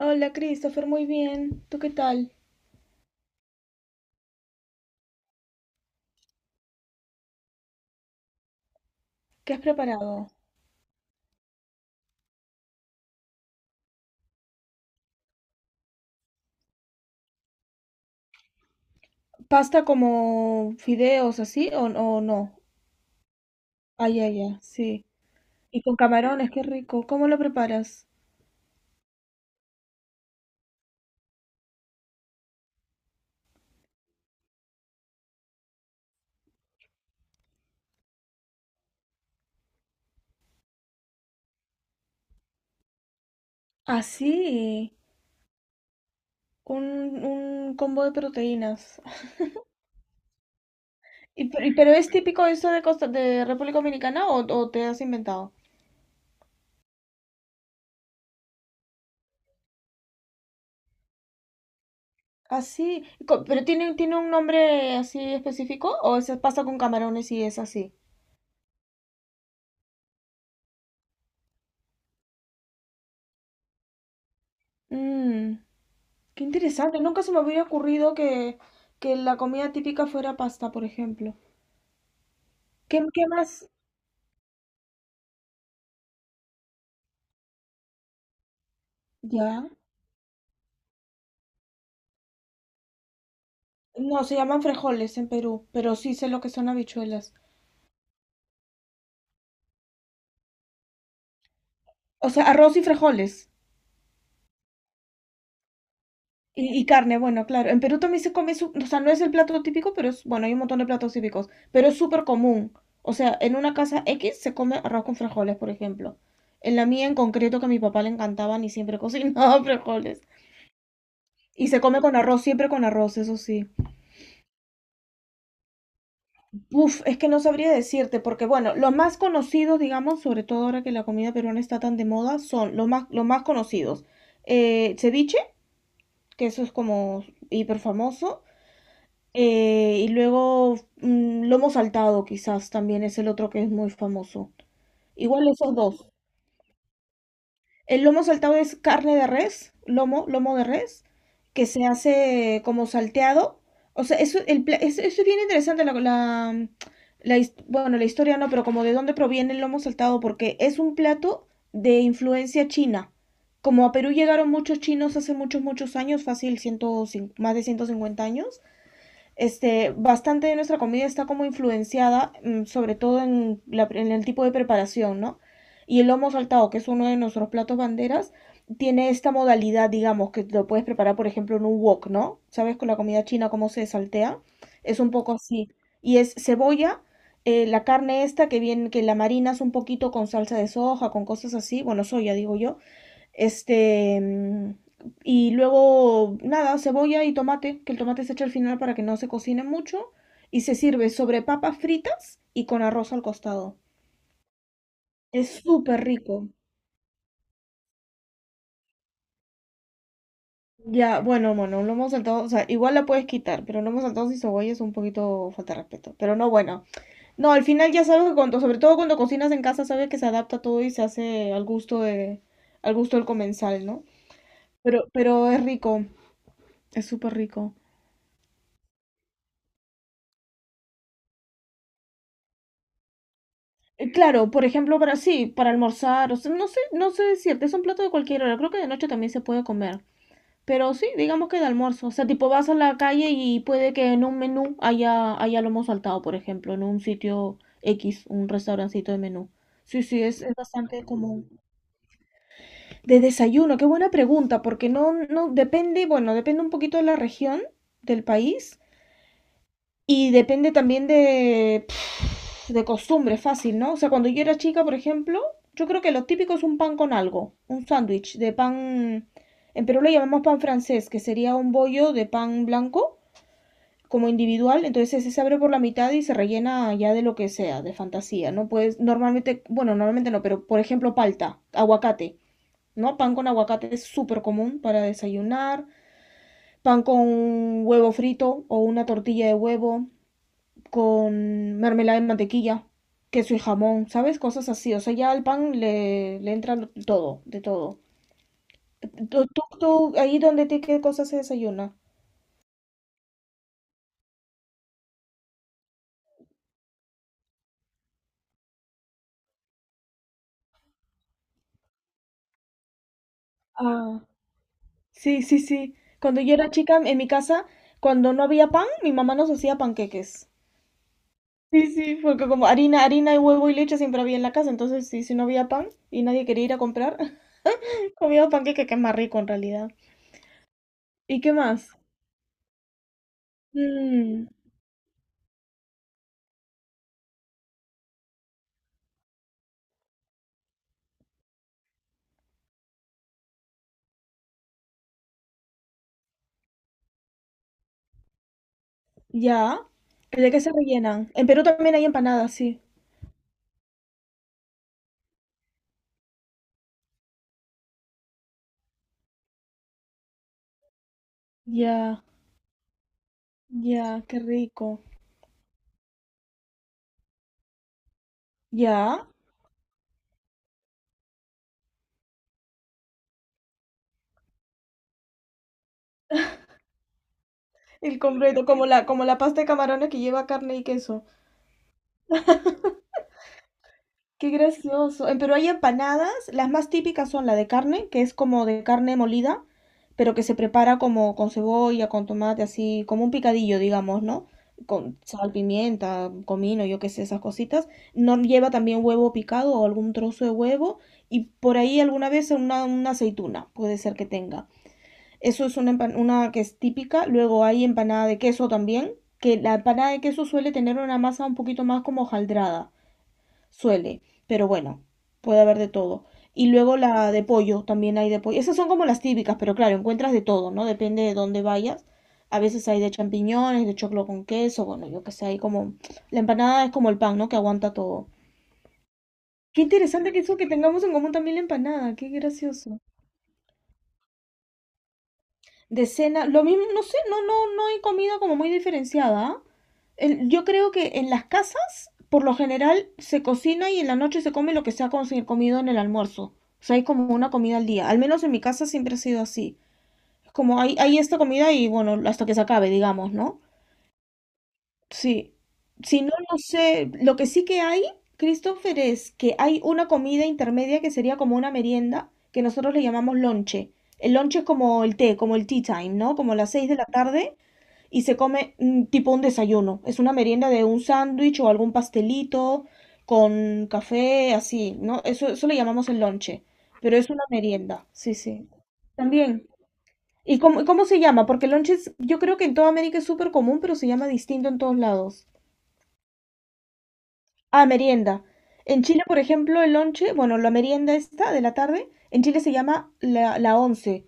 Hola, Christopher, muy bien. ¿Tú qué tal? ¿Qué has preparado? ¿Pasta como fideos así o no? Ay, ay, ay, sí. Y con camarones, qué rico. ¿Cómo lo preparas? Así, un, un combo de proteínas. ¿Pero es típico eso de Costa, de República Dominicana o te has inventado? Así, ¿pero tiene un nombre así específico o es pasta con camarones y es así? Mm. Qué interesante, nunca se me hubiera ocurrido que la comida típica fuera pasta, por ejemplo. ¿Qué más? Ya. No, se llaman frijoles en Perú, pero sí sé lo que son habichuelas. O sea, arroz y frijoles. Y carne, bueno, claro. En Perú también se come, o sea, no es el plato típico, pero es, bueno, hay un montón de platos típicos, pero es súper común. O sea, en una casa X se come arroz con frijoles, por ejemplo. En la mía en concreto, que a mi papá le encantaban y siempre cocinaba frijoles. Y se come con arroz, siempre con arroz, eso sí. Uf, es que no sabría decirte, porque bueno, los más conocidos, digamos, sobre todo ahora que la comida peruana está tan de moda, son los más conocidos. Ceviche, que eso es como hiper famoso. Y luego lomo saltado, quizás también es el otro que es muy famoso. Igual esos dos. El lomo saltado es carne de res, lomo de res, que se hace como salteado. O sea, eso es bien interesante, bueno, la historia no, pero como de dónde proviene el lomo saltado, porque es un plato de influencia china. Como a Perú llegaron muchos chinos hace muchos, muchos años, fácil, 150, más de 150 años, este, bastante de nuestra comida está como influenciada, sobre todo en el tipo de preparación, ¿no? Y el lomo saltado, que es uno de nuestros platos banderas, tiene esta modalidad, digamos, que lo puedes preparar, por ejemplo, en un wok, ¿no? ¿Sabes con la comida china cómo se saltea? Es un poco así. Y es cebolla, la carne esta que viene, que la marinas un poquito con salsa de soja, con cosas así, bueno, soya, digo yo este, y luego, nada, cebolla y tomate, que el tomate se echa al final para que no se cocine mucho. Y se sirve sobre papas fritas y con arroz al costado. Es súper rico. Ya, bueno, bueno, un lomo saltado, o sea, igual la puedes quitar, pero lomo saltado sin cebolla es un poquito falta de respeto. Pero no, bueno. No, al final ya sabes que cuando, sobre todo cuando cocinas en casa, sabes que se adapta todo y se hace al gusto del comensal, ¿no? Pero es rico, es súper rico. Claro, por ejemplo, para sí, para almorzar, o sea, no sé decirte, es un plato de cualquier hora, creo que de noche también se puede comer, pero sí, digamos que de almuerzo, o sea, tipo vas a la calle y puede que en un menú haya lomo saltado, por ejemplo, en un sitio X, un restaurancito de menú. Sí, sí, es bastante común. De desayuno, qué buena pregunta, porque no, no, depende, bueno, depende un poquito de la región, del país, y depende también de costumbre, fácil, ¿no? O sea, cuando yo era chica, por ejemplo, yo creo que lo típico es un pan con algo, un sándwich de pan, en Perú lo llamamos pan francés, que sería un bollo de pan blanco como individual, entonces ese se abre por la mitad y se rellena ya de lo que sea, de fantasía, ¿no? Pues normalmente, bueno, normalmente no, pero por ejemplo palta, aguacate, ¿no? Pan con aguacate es súper común para desayunar, pan con un huevo frito o una tortilla de huevo, con mermelada de mantequilla, queso y jamón, ¿sabes? Cosas así. O sea, ya al pan le entra todo, de todo. ¿Tú, ahí donde qué cosas se desayuna? Ah, sí, sí, sí. Cuando yo era chica en mi casa, cuando no había pan, mi mamá nos hacía panqueques. Sí, sí, porque como harina y huevo y leche siempre había en la casa, entonces sí, si no había pan y nadie quería ir a comprar, comía panqueque que es más rico en realidad. ¿Y qué más? Mm. Ya. ¿De qué se rellenan? En Perú también hay empanadas, sí. Ya, ya, qué rico. Ya. El completo, como la pasta de camarones que lleva carne y queso. Qué gracioso. Pero hay empanadas, las más típicas son la de carne, que es como de carne molida, pero que se prepara como con cebolla, con tomate, así, como un picadillo, digamos, ¿no? Con sal, pimienta, comino, yo qué sé, esas cositas. No lleva también huevo picado o algún trozo de huevo y por ahí alguna vez una aceituna, puede ser que tenga. Eso es una que es típica. Luego hay empanada de queso también, que la empanada de queso suele tener una masa un poquito más como hojaldrada suele, pero bueno, puede haber de todo. Y luego la de pollo, también hay de pollo. Esas son como las típicas, pero claro, encuentras de todo, ¿no? Depende de dónde vayas. A veces hay de champiñones, de choclo con queso, bueno, yo qué sé, hay como... La empanada es como el pan, ¿no? Que aguanta todo. Qué interesante que eso que tengamos en común también la empanada, qué gracioso. De cena, lo mismo, no sé, no hay comida como muy diferenciada. ¿Ah? Yo creo que en las casas, por lo general, se cocina y en la noche se come lo que se ha comido en el almuerzo. O sea, hay como una comida al día. Al menos en mi casa siempre ha sido así. Es como hay esta comida y bueno, hasta que se acabe, digamos, ¿no? Sí, si no, no sé. Lo que sí que hay, Christopher, es que hay una comida intermedia que sería como una merienda, que nosotros le llamamos lonche. El lonche es como el té, como el tea time, ¿no? Como las 6 de la tarde y se come tipo un desayuno. Es una merienda de un sándwich o algún pastelito con café, así, ¿no? Eso le llamamos el lonche, pero es una merienda, sí, sí. También. ¿Y cómo se llama? Porque el lonche yo creo que en toda América es súper común, pero se llama distinto en todos lados. Ah, merienda. En Chile, por ejemplo, el lonche, bueno, la merienda esta de la tarde, en Chile se llama la once.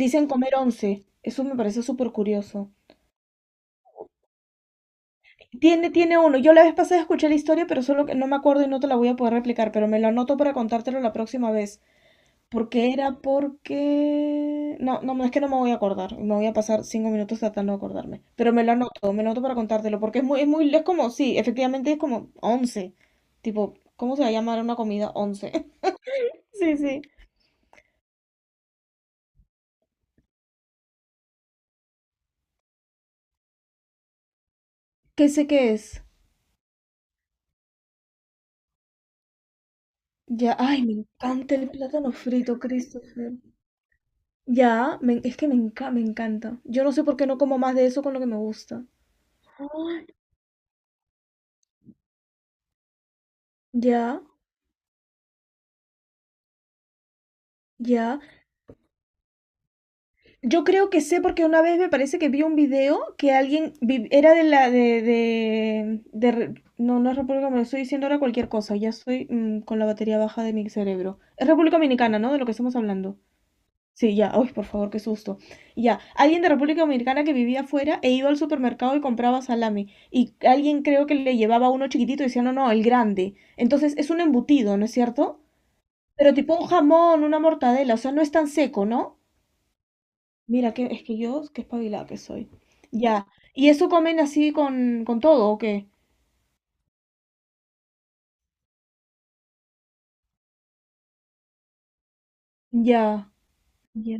Dicen comer once. Eso me parece súper curioso. Tiene uno. Yo la vez pasada escuché la historia, pero solo que no me acuerdo y no te la voy a poder replicar, pero me lo anoto para contártelo la próxima vez. Porque era porque... No, no, no, es que no me voy a acordar. Me voy a pasar 5 minutos tratando de acordarme. Pero me lo anoto para contártelo, porque es muy, es como, sí, efectivamente es como once. Tipo, ¿cómo se va a llamar una comida once? Sí, sí. ¿Qué sé qué es? Ya, ay, me encanta el plátano frito, Christopher. Ya, es que me encanta. Yo no sé por qué no como más de eso con lo que me gusta. Ay, ya, ya. Yo creo que sé porque una vez me parece que vi un video que alguien vi- era de la de Re- no, no es República Dominicana, estoy diciendo ahora cualquier cosa, ya estoy con la batería baja de mi cerebro. Es República Dominicana, ¿no? De lo que estamos hablando. Sí, ya. Uy, por favor, qué susto. Ya. Alguien de República Dominicana que vivía afuera e iba al supermercado y compraba salami. Y alguien creo que le llevaba uno chiquitito y decía, no, no, el grande. Entonces es un embutido, ¿no es cierto? Pero tipo un jamón, una mortadela, o sea, no es tan seco, ¿no? Mira, es que yo, qué espabilada que soy. Ya. ¿Y eso comen así con todo o qué? Ya. Ya.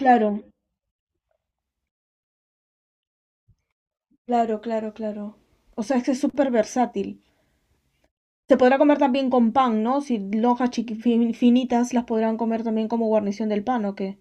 Claro, claro, claro, claro. O sea, es que es súper versátil. Se podrá comer también con pan, ¿no? Si lonjas finitas las podrán comer también como guarnición del pan, ¿o qué?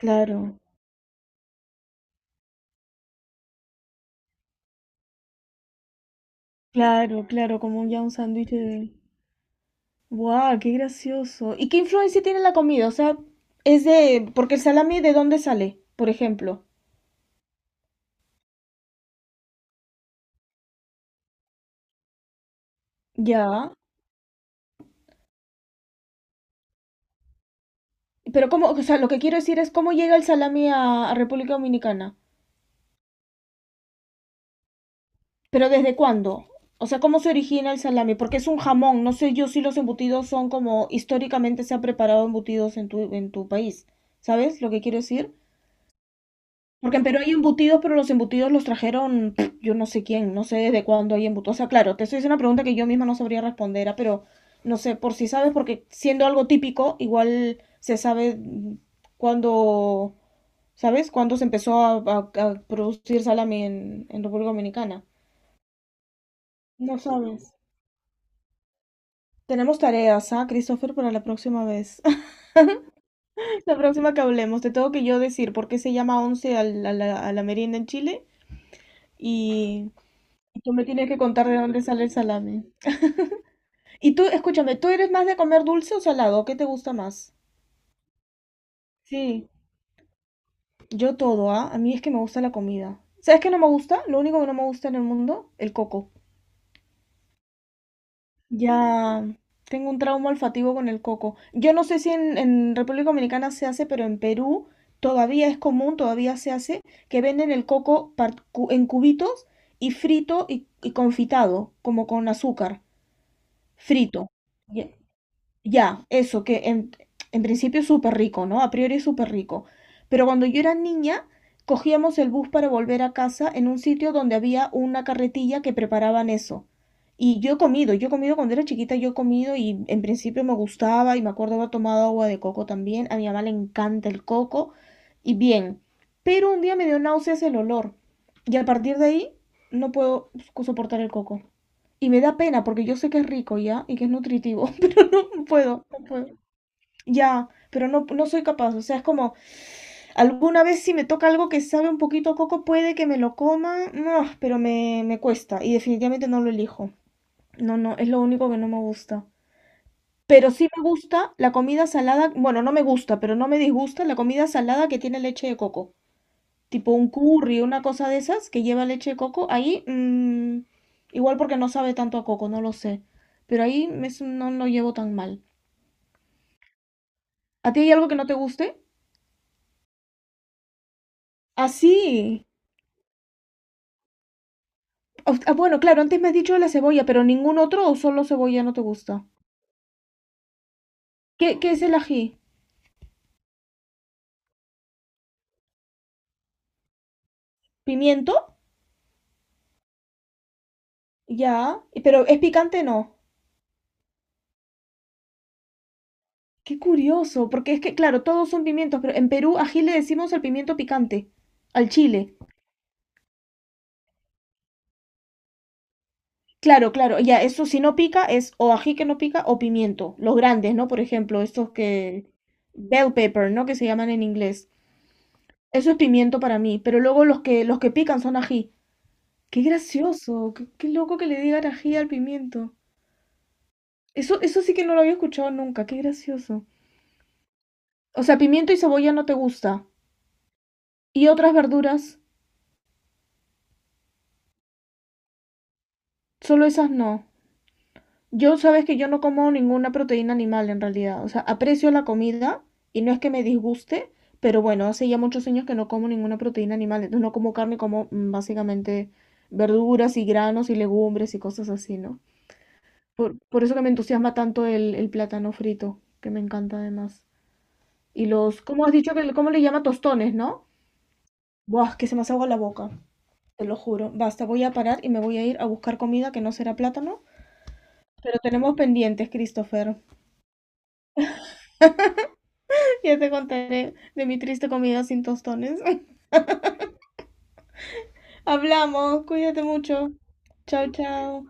Claro, claro, claro, como ya un sándwich de... ¡Guau! ¡Qué gracioso! ¿Y qué influencia tiene la comida? O sea, es de... Porque el salami, ¿de dónde sale? Por ejemplo. Ya. Pero cómo, o sea, lo que quiero decir es cómo llega el salami a República Dominicana. Pero ¿desde cuándo? O sea, ¿cómo se origina el salami? Porque es un jamón. No sé yo si los embutidos son como históricamente se han preparado embutidos en tu país. ¿Sabes lo que quiero decir? Porque en Perú hay embutidos, pero los embutidos los trajeron yo no sé quién, no sé desde cuándo hay embutidos. O sea, claro, te estoy haciendo una pregunta que yo misma no sabría responder, pero no sé, por si sabes, porque siendo algo típico, igual se sabe cuándo, ¿sabes? Cuándo se empezó a producir salami en República Dominicana. No sabes. Tenemos tareas, ¿ah, Christopher, para la próxima vez? La próxima que hablemos, te tengo que yo decir por qué se llama once a la merienda en Chile y, y tú me tienes que contar de dónde sale el salame. Y tú, escúchame, ¿tú eres más de comer dulce o salado? ¿Qué te gusta más? Sí, yo todo, ¿ah? A mí es que me gusta la comida. ¿Sabes qué no me gusta? Lo único que no me gusta en el mundo, el coco. Ya tengo un trauma olfativo con el coco. Yo no sé si en República Dominicana se hace, pero en Perú todavía es común, todavía se hace, que venden el coco en cubitos y frito y confitado, como con azúcar, frito. Ya. Ya, eso, que en principio es súper rico, ¿no? A priori es súper rico. Pero cuando yo era niña, cogíamos el bus para volver a casa en un sitio donde había una carretilla que preparaban eso. Y yo he comido cuando era chiquita, yo he comido y en principio me gustaba y me acuerdo haber tomado agua de coco también. A mi mamá le encanta el coco y bien. Pero un día me dio náuseas el olor y a partir de ahí no puedo soportar el coco. Y me da pena porque yo sé que es rico ya y que es nutritivo. No puedo, no puedo. Ya, pero no, no soy capaz. O sea, es como, alguna vez si me toca algo que sabe un poquito a coco, puede que me lo coma. No, pero me cuesta. Y definitivamente no lo elijo. No, no, es lo único que no me gusta. Pero sí me gusta la comida salada. Bueno, no me gusta, pero no me disgusta la comida salada que tiene leche de coco. Tipo un curry, una cosa de esas que lleva leche de coco. Ahí, igual porque no sabe tanto a coco, no lo sé. Pero no lo llevo tan mal. ¿A ti hay algo que no te guste? Así. Ah, bueno, claro, antes me has dicho de la cebolla, pero ningún otro o solo cebolla no te gusta. ¿Qué es el ají? ¿Pimiento? Ya. Y- Pero es picante, no. Qué curioso, porque es que, claro, todos son pimientos, pero en Perú ají le decimos al pimiento picante, al chile. Claro, claro, ya, eso si no pica es o ají que no pica o pimiento. Los grandes, ¿no? Por ejemplo, estos que... Bell pepper, ¿no? Que se llaman en inglés. Eso es pimiento para mí, pero luego los que pican son ají. Qué gracioso, qué loco que le digan ají al pimiento. Eso sí que no lo había escuchado nunca, qué gracioso. O sea, pimiento y cebolla no te gusta. ¿Y otras verduras? Solo esas no. Yo sabes que yo no como ninguna proteína animal en realidad. O sea, aprecio la comida y no es que me disguste, pero bueno, hace ya muchos años que no como ninguna proteína animal. Entonces no como carne, como básicamente verduras y granos y legumbres y cosas así, ¿no? Por eso que me entusiasma tanto el plátano frito, que me encanta además. Y los, ¿cómo has dicho que, cómo le llama tostones, no? Buah, que se me hace agua la boca, te lo juro. Basta, voy a parar y me voy a ir a buscar comida que no será plátano. Pero tenemos pendientes, Christopher. Ya te contaré de mi triste comida sin tostones. Hablamos, cuídate mucho. Chao, chao.